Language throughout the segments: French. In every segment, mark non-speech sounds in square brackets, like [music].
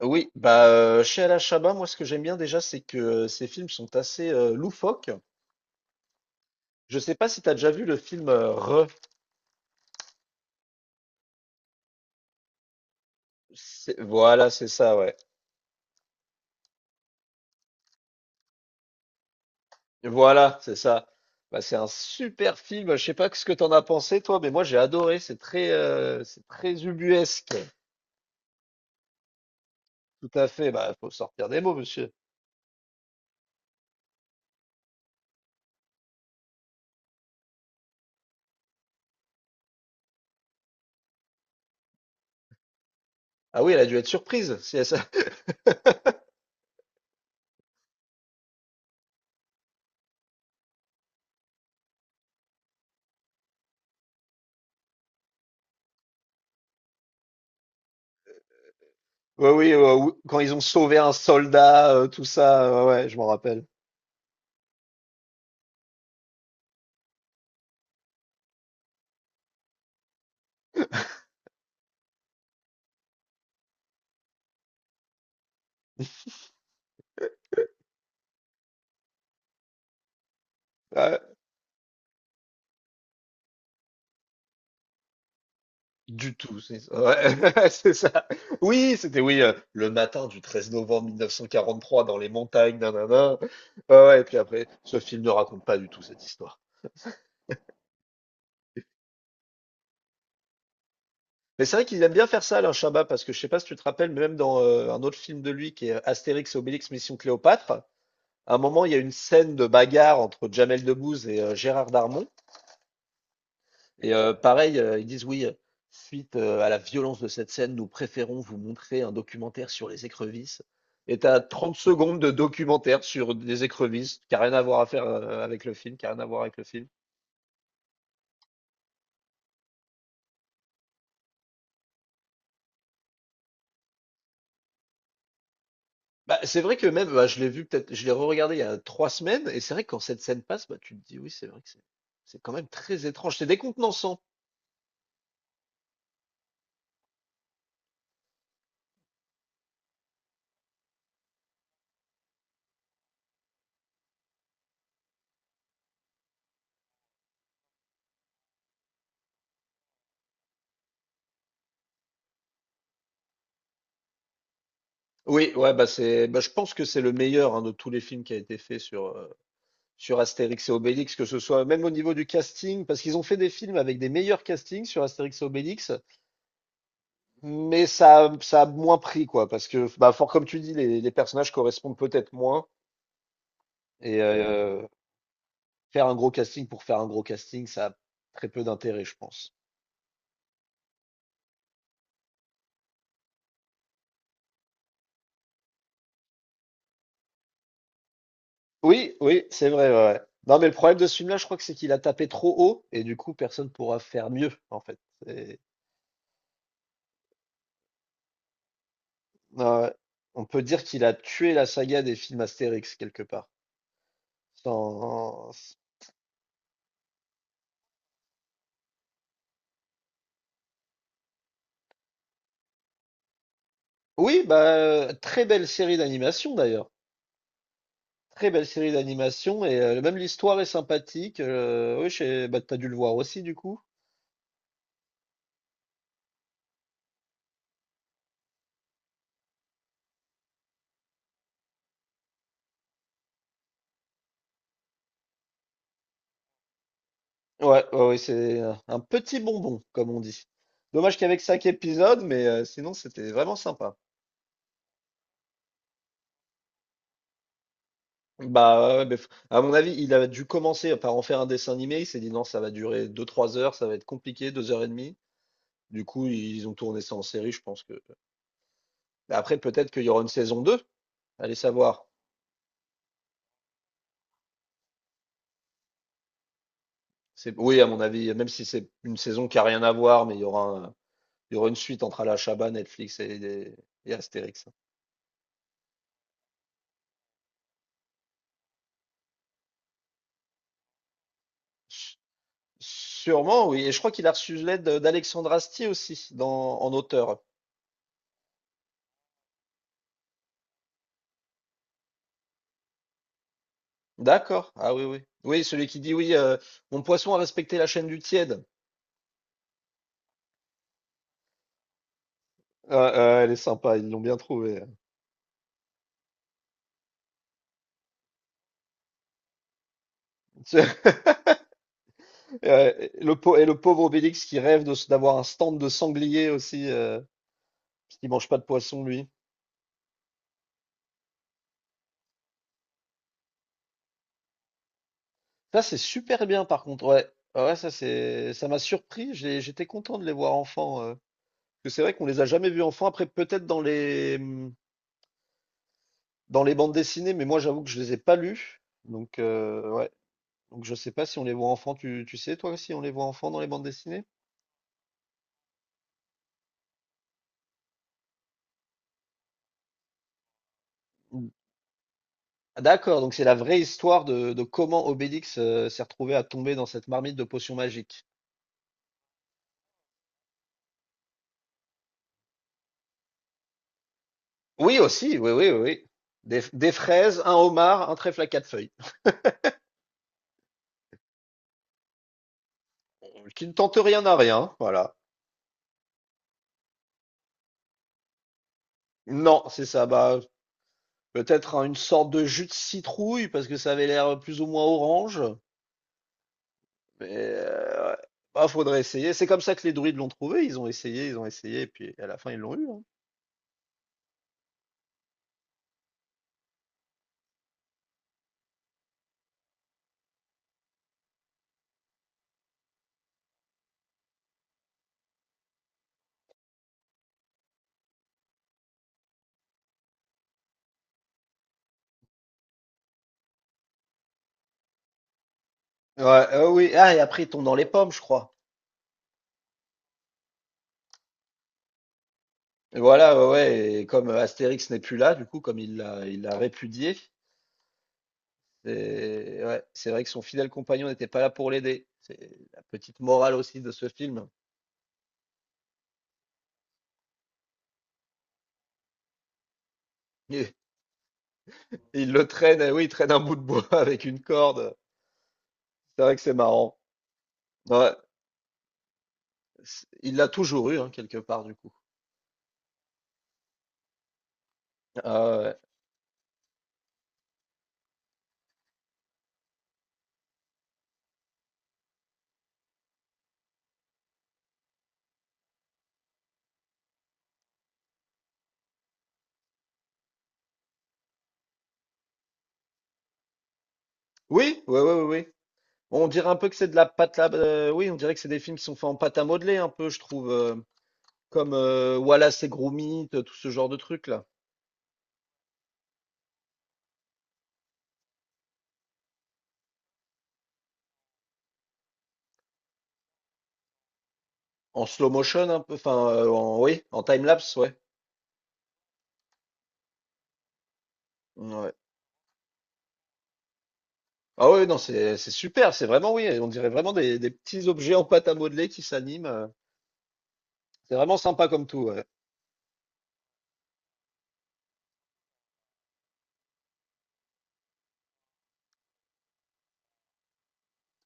Oui, bah, chez Alain Chabat, moi, ce que j'aime bien déjà, c'est que ces films sont assez loufoques. Je sais pas si tu as déjà vu le film Re. Voilà, c'est ça, ouais. Voilà, c'est ça. Bah, c'est un super film. Je sais pas ce que t'en as pensé, toi, mais moi, j'ai adoré. C'est c'est très ubuesque. Tout à fait. Bah, faut sortir des mots, monsieur. Ah oui, elle a dû être surprise. Si elle [laughs] Ouais, oui, quand ils ont sauvé un soldat, tout ça. Ouais, ouais, je m'en rappelle. Ouais, du tout, c'est ça. Ouais, [laughs] c'est ça. Oui, c'était oui, le matin du 13 novembre 1943 dans les montagnes, nin ouais, ouais, et puis après, ce film ne raconte pas du tout cette histoire. Mais c'est vrai qu'ils aiment bien faire ça Alain Chabat parce que je sais pas si tu te rappelles, mais même dans, un autre film de lui qui est, Astérix et Obélix Mission Cléopâtre, à un moment, il y a une scène de bagarre entre Jamel Debbouze et Gérard Darmon. Et pareil, ils disent oui, suite à la violence de cette scène, nous préférons vous montrer un documentaire sur les écrevisses. Et t'as 30 secondes de documentaire sur des écrevisses, qui n'a rien à voir à faire avec le film, qui n'a rien à voir avec le film. Bah, c'est vrai que même, bah, je l'ai vu peut-être, je l'ai re-regardé il y a 3 semaines, et c'est vrai que quand cette scène passe, bah, tu te dis oui, c'est vrai que c'est quand même très étrange, c'est décontenançant. Oui, ouais, bah c'est, bah, je pense que c'est le meilleur hein, de tous les films qui a été fait sur, sur Astérix et Obélix, que ce soit même au niveau du casting, parce qu'ils ont fait des films avec des meilleurs castings sur Astérix et Obélix, mais ça a moins pris, quoi, parce que, bah, fort comme tu dis, les personnages correspondent peut-être moins, et faire un gros casting pour faire un gros casting, ça a très peu d'intérêt, je pense. Oui, oui, c'est vrai, ouais, ouais. Non, mais le problème de ce film-là, je crois que c'est qu'il a tapé trop haut, et du coup, personne pourra faire mieux, en fait. C'est- Ouais, ouais. On peut dire qu'il a tué la saga des films Astérix, quelque part. Sans- Oui, bah, très belle série d'animation d'ailleurs. Très belle série d'animation et même l'histoire est sympathique. Oui, bah, t'as dû le voir aussi du coup. Ouais, ouais, ouais, c'est un petit bonbon, comme on dit. Dommage qu'avec 5 épisodes, mais sinon c'était vraiment sympa. Bah, ouais, mais à mon avis, il a dû commencer par en faire un dessin animé. Il s'est dit non, ça va durer 2-3 heures, ça va être compliqué, 2 heures et demie. Du coup, ils ont tourné ça en série, je pense que. Bah, après, peut-être qu'il y aura une saison 2, allez savoir. C'est, oui, à mon avis, même si c'est une saison qui a rien à voir, mais il y aura, il y aura une suite entre Alachaba, Netflix et Astérix. S- Sûrement, oui. Et je crois qu'il a reçu l'aide d'Alexandre Astier aussi dans, en auteur. D'accord. Ah oui, oui. Oui, celui qui dit oui, mon poisson a respecté la chaîne du tiède. Ah, ah, elle est sympa, ils l'ont bien trouvé. [laughs] Et le pauvre Obélix qui rêve de, d'avoir un stand de sanglier aussi, parce qu'il mange pas de poisson, lui. Ça, c'est super bien par contre, ouais. Ah ouais, ça c'est ça m'a surpris, j'étais content de les voir enfants. Parce que c'est vrai qu'on les a jamais vus enfants, après peut-être dans les bandes dessinées, mais moi j'avoue que je les ai pas lus. Donc ouais. Donc je sais pas si on les voit enfants, tu sais toi si on les voit enfants dans les bandes dessinées? Mm. Ah, d'accord, donc c'est la vraie histoire de comment Obélix s'est retrouvé à tomber dans cette marmite de potions magiques. Oui aussi, oui, oui, oui, oui. Des fraises, un homard, un trèfle à quatre feuilles. Qui ne tente rien à rien, hein, voilà. Non, c'est ça. Bah, peut-être hein, une sorte de jus de citrouille parce que ça avait l'air plus ou moins orange. Mais ouais. Bah, faudrait essayer. C'est comme ça que les druides l'ont trouvé. Ils ont essayé, et puis à la fin ils l'ont eu, hein. Ouais, oui. Ah, et après ils tombent dans les pommes, je crois. Et voilà, ouais, ouais. Et comme Astérix n'est plus là, du coup, comme il l'a répudié, c'est ouais, c'est vrai que son fidèle compagnon n'était pas là pour l'aider. C'est la petite morale aussi de ce film. [laughs] Il le traîne, eh oui, il traîne un bout de bois [laughs] avec une corde. C'est vrai que c'est marrant. Ouais, il l'a toujours eu, hein, quelque part, du coup. Euh, oui, oui, oui, oui, oui. Bon, on dirait un peu que c'est de la pâte à... oui, on dirait que c'est des films qui sont faits en pâte à modeler, un peu, je trouve. Comme Wallace et Gromit, tout ce genre de trucs, là. En slow motion, un peu. Enfin, oui, en time-lapse, ouais. Ouais, ouais. Ah oui, non, c'est super, c'est vraiment, oui. On dirait vraiment des petits objets en pâte à modeler qui s'animent. C'est vraiment sympa comme tout, ouais.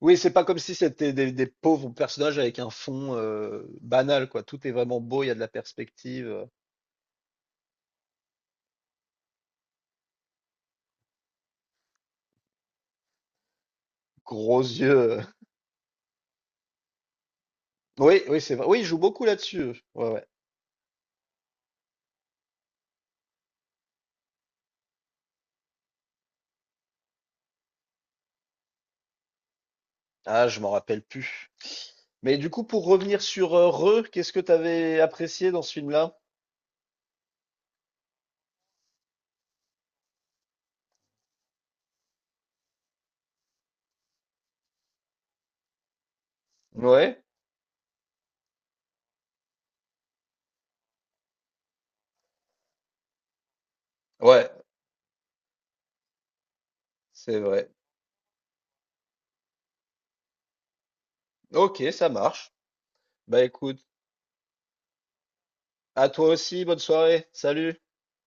Oui, c'est pas comme si c'était des pauvres personnages avec un fond banal, quoi. Tout est vraiment beau, il y a de la perspective, gros yeux. euh. Oui, oui, c'est vrai. Oui, il joue beaucoup là-dessus. Ouais, ouais. Ah, je m'en rappelle plus. Mais du coup, pour revenir sur Re, qu'est-ce que t'avais apprécié dans ce film-là? Ouais, ouais, c'est vrai. Ok, ça marche. Bah écoute, à toi aussi, bonne soirée. Salut.